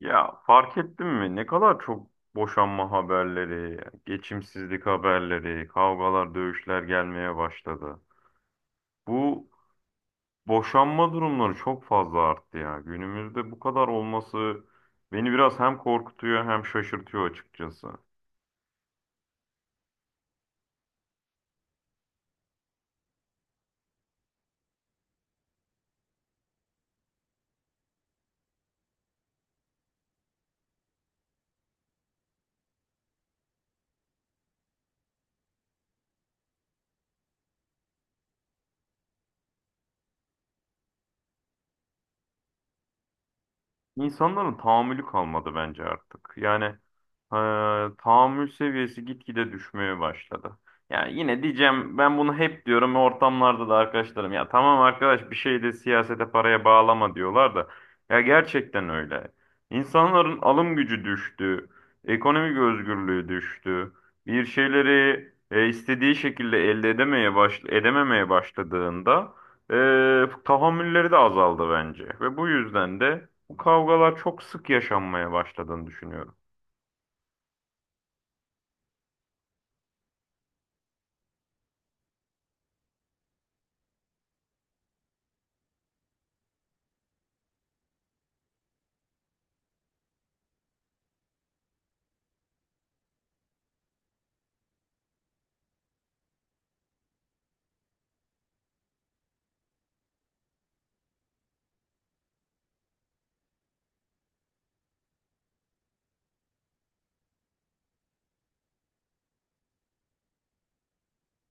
Ya, fark ettin mi? Ne kadar çok boşanma haberleri, geçimsizlik haberleri, kavgalar, dövüşler gelmeye başladı. Bu boşanma durumları çok fazla arttı ya. Günümüzde bu kadar olması beni biraz hem korkutuyor hem şaşırtıyor açıkçası. İnsanların tahammülü kalmadı bence artık. Yani Ee, tahammül seviyesi gitgide düşmeye başladı. Yani yine diyeceğim, ben bunu hep diyorum ortamlarda da. Arkadaşlarım, ya tamam arkadaş, bir şey de siyasete, paraya bağlama diyorlar da, ya gerçekten öyle. İnsanların alım gücü düştü, ekonomik özgürlüğü düştü. Bir şeyleri istediği şekilde elde edememeye başladığında tahammülleri de azaldı bence, ve bu yüzden de bu kavgalar çok sık yaşanmaya başladığını düşünüyorum.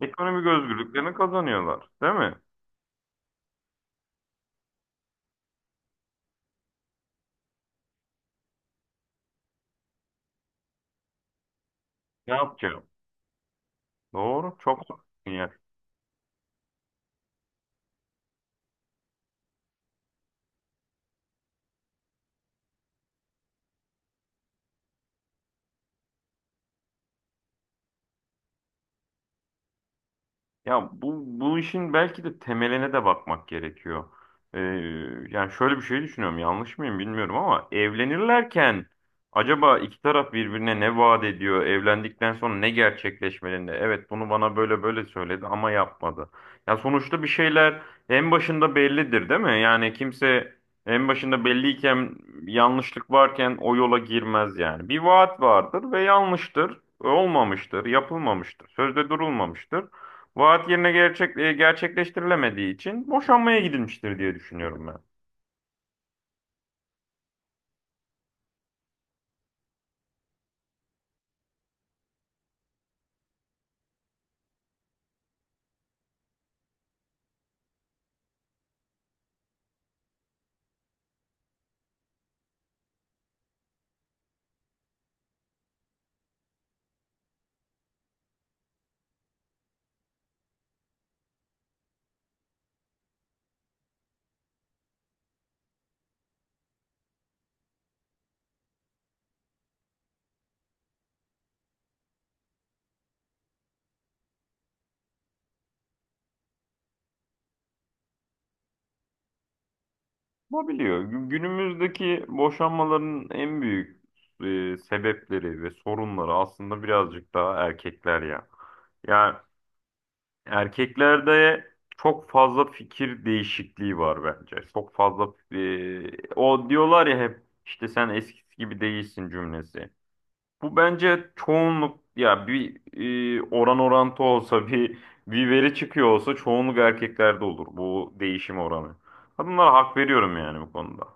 Ekonomik özgürlüklerini kazanıyorlar, değil mi? Ne yapacağım? Doğru, çok haklısın ya. Ya, bu işin belki de temeline de bakmak gerekiyor. Ee, yani, şöyle bir şey düşünüyorum, yanlış mıyım bilmiyorum ama evlenirlerken acaba iki taraf birbirine ne vaat ediyor, evlendikten sonra ne gerçekleşmelinde? Evet, bunu bana böyle böyle söyledi ama yapmadı. Ya sonuçta bir şeyler en başında bellidir, değil mi? Yani kimse en başında belliyken, yanlışlık varken o yola girmez yani. Bir vaat vardır ve yanlıştır, olmamıştır, yapılmamıştır, sözde durulmamıştır. Vaat yerine gerçekleştirilemediği için boşanmaya gidilmiştir diye düşünüyorum ben. Olabiliyor. Günümüzdeki boşanmaların en büyük sebepleri ve sorunları aslında birazcık daha erkekler ya. Ya, erkeklerde çok fazla fikir değişikliği var bence. Çok fazla, o diyorlar ya hep, işte sen eskisi gibi değilsin cümlesi. Bu bence çoğunluk ya, bir oran orantı olsa bir veri çıkıyor olsa, çoğunluk erkeklerde olur bu değişim oranı. Kadınlara hak veriyorum yani bu konuda.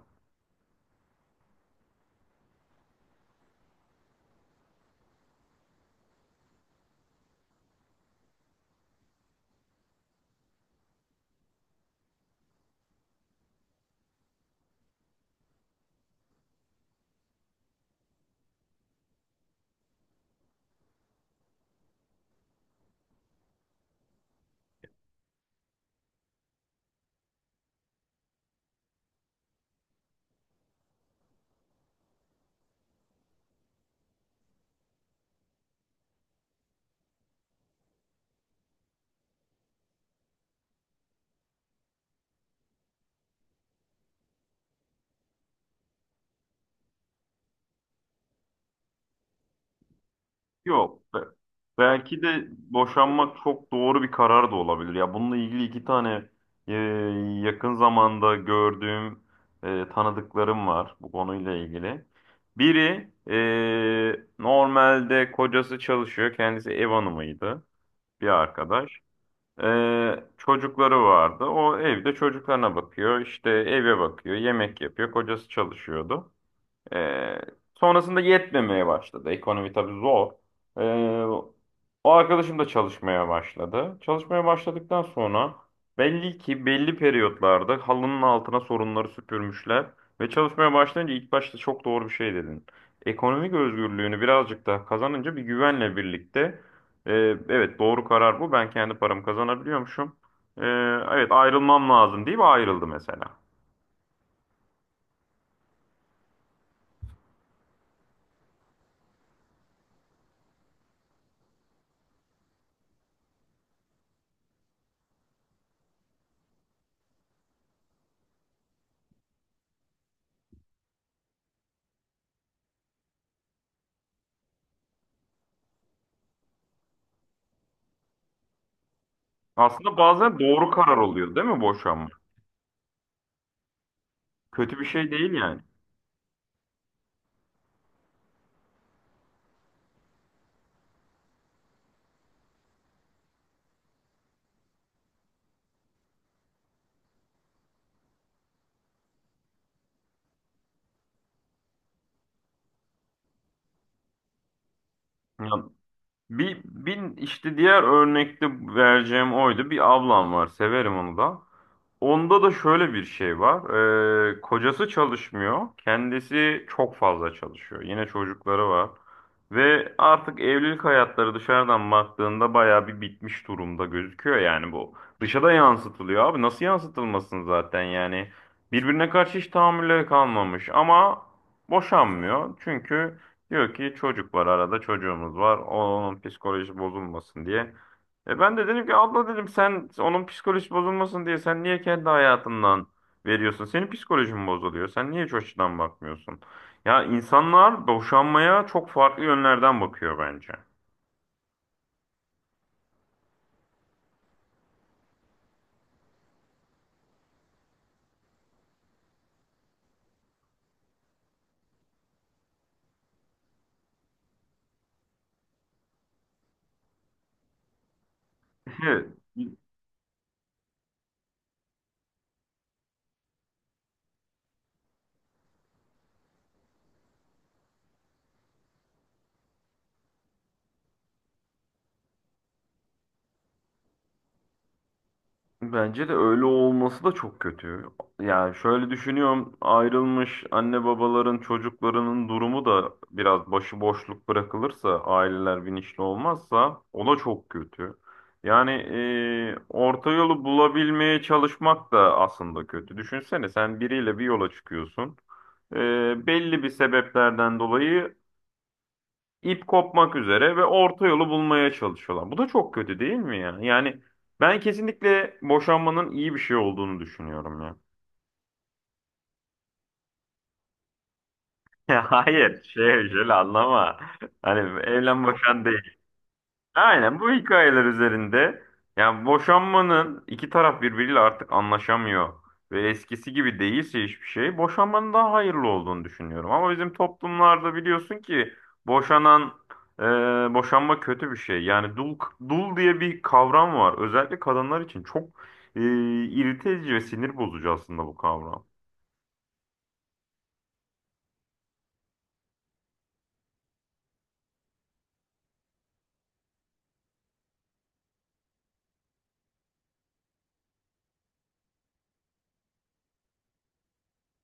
Yok, belki de boşanmak çok doğru bir karar da olabilir. Ya bununla ilgili iki tane e, yakın zamanda gördüğüm tanıdıklarım var bu konuyla ilgili. Biri, normalde kocası çalışıyor, kendisi ev hanımıydı, bir arkadaş. Çocukları vardı. O evde çocuklarına bakıyor, işte eve bakıyor, yemek yapıyor. Kocası çalışıyordu. Ee, sonrasında yetmemeye başladı. Ekonomi tabii zor. Ee, o arkadaşım da çalışmaya başladı. Çalışmaya başladıktan sonra belli ki belli periyotlarda halının altına sorunları süpürmüşler. Ve çalışmaya başlayınca, ilk başta çok doğru bir şey dedin. Ekonomik özgürlüğünü birazcık daha kazanınca, bir güvenle birlikte, e, evet doğru karar bu. Ben kendi paramı kazanabiliyormuşum. Ee, evet, ayrılmam lazım deyip ayrıldı mesela. Aslında bazen doğru karar oluyor, değil mi boşanma? Kötü bir şey değil yani. Ya bir işte diğer örnekte vereceğim oydu. Bir ablam var. Severim onu da. Onda da şöyle bir şey var. Kocası çalışmıyor. Kendisi çok fazla çalışıyor. Yine çocukları var. Ve artık evlilik hayatları, dışarıdan baktığında bayağı bir bitmiş durumda gözüküyor yani bu. Dışa da yansıtılıyor abi. Nasıl yansıtılmasın zaten yani. Birbirine karşı hiç tahammülleri kalmamış ama boşanmıyor. Çünkü diyor ki, çocuk var arada, çocuğumuz var. Onun psikoloji bozulmasın diye. Ben de dedim ki, abla dedim, sen onun psikoloji bozulmasın diye, sen niye kendi hayatından veriyorsun? Senin psikolojin bozuluyor. Sen niye hiç o açıdan bakmıyorsun? Ya, insanlar boşanmaya çok farklı yönlerden bakıyor bence. Evet. Bence de öyle olması da çok kötü. Yani şöyle düşünüyorum, ayrılmış anne babaların çocuklarının durumu da, biraz başıboşluk bırakılırsa, aileler bilinçli olmazsa, o da çok kötü. Yani orta yolu bulabilmeye çalışmak da aslında kötü. Düşünsene, sen biriyle bir yola çıkıyorsun. E, belli bir sebeplerden dolayı İp kopmak üzere ve orta yolu bulmaya çalışıyorlar. Bu da çok kötü değil mi ya? Yani ben kesinlikle boşanmanın iyi bir şey olduğunu düşünüyorum ya. Ya, hayır, şöyle anlama. Hani evlen boşan değil. Aynen, bu hikayeler üzerinde, yani boşanmanın, iki taraf birbiriyle artık anlaşamıyor ve eskisi gibi değilse, hiçbir şey boşanmanın daha hayırlı olduğunu düşünüyorum. Ama bizim toplumlarda biliyorsun ki, boşanan e, boşanma kötü bir şey. Yani dul diye bir kavram var. Özellikle kadınlar için çok e, irite edici ve sinir bozucu aslında bu kavram.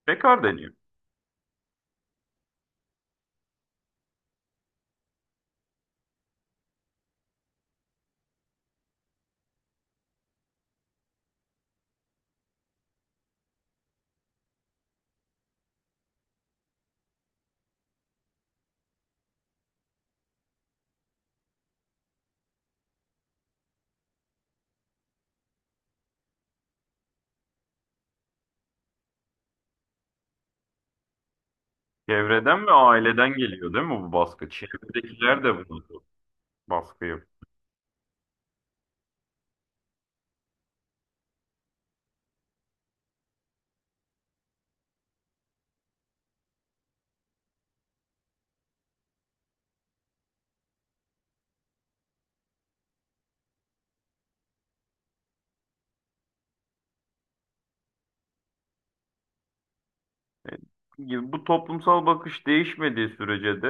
Bekar deniyor. Çevreden ve aileden geliyor değil mi bu baskı? Çevredekiler de bunu, baskıyı gibi, bu toplumsal bakış değişmediği sürece de,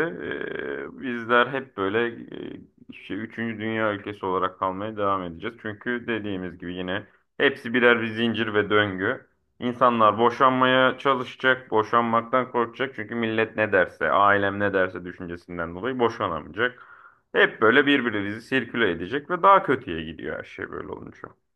bizler hep böyle, işte üçüncü dünya ülkesi olarak kalmaya devam edeceğiz. Çünkü dediğimiz gibi yine, hepsi birer bir zincir ve döngü. İnsanlar boşanmaya çalışacak, boşanmaktan korkacak. Çünkü millet ne derse, ailem ne derse düşüncesinden dolayı boşanamayacak. Hep böyle birbirimizi sirküle edecek ve daha kötüye gidiyor her şey böyle olunca.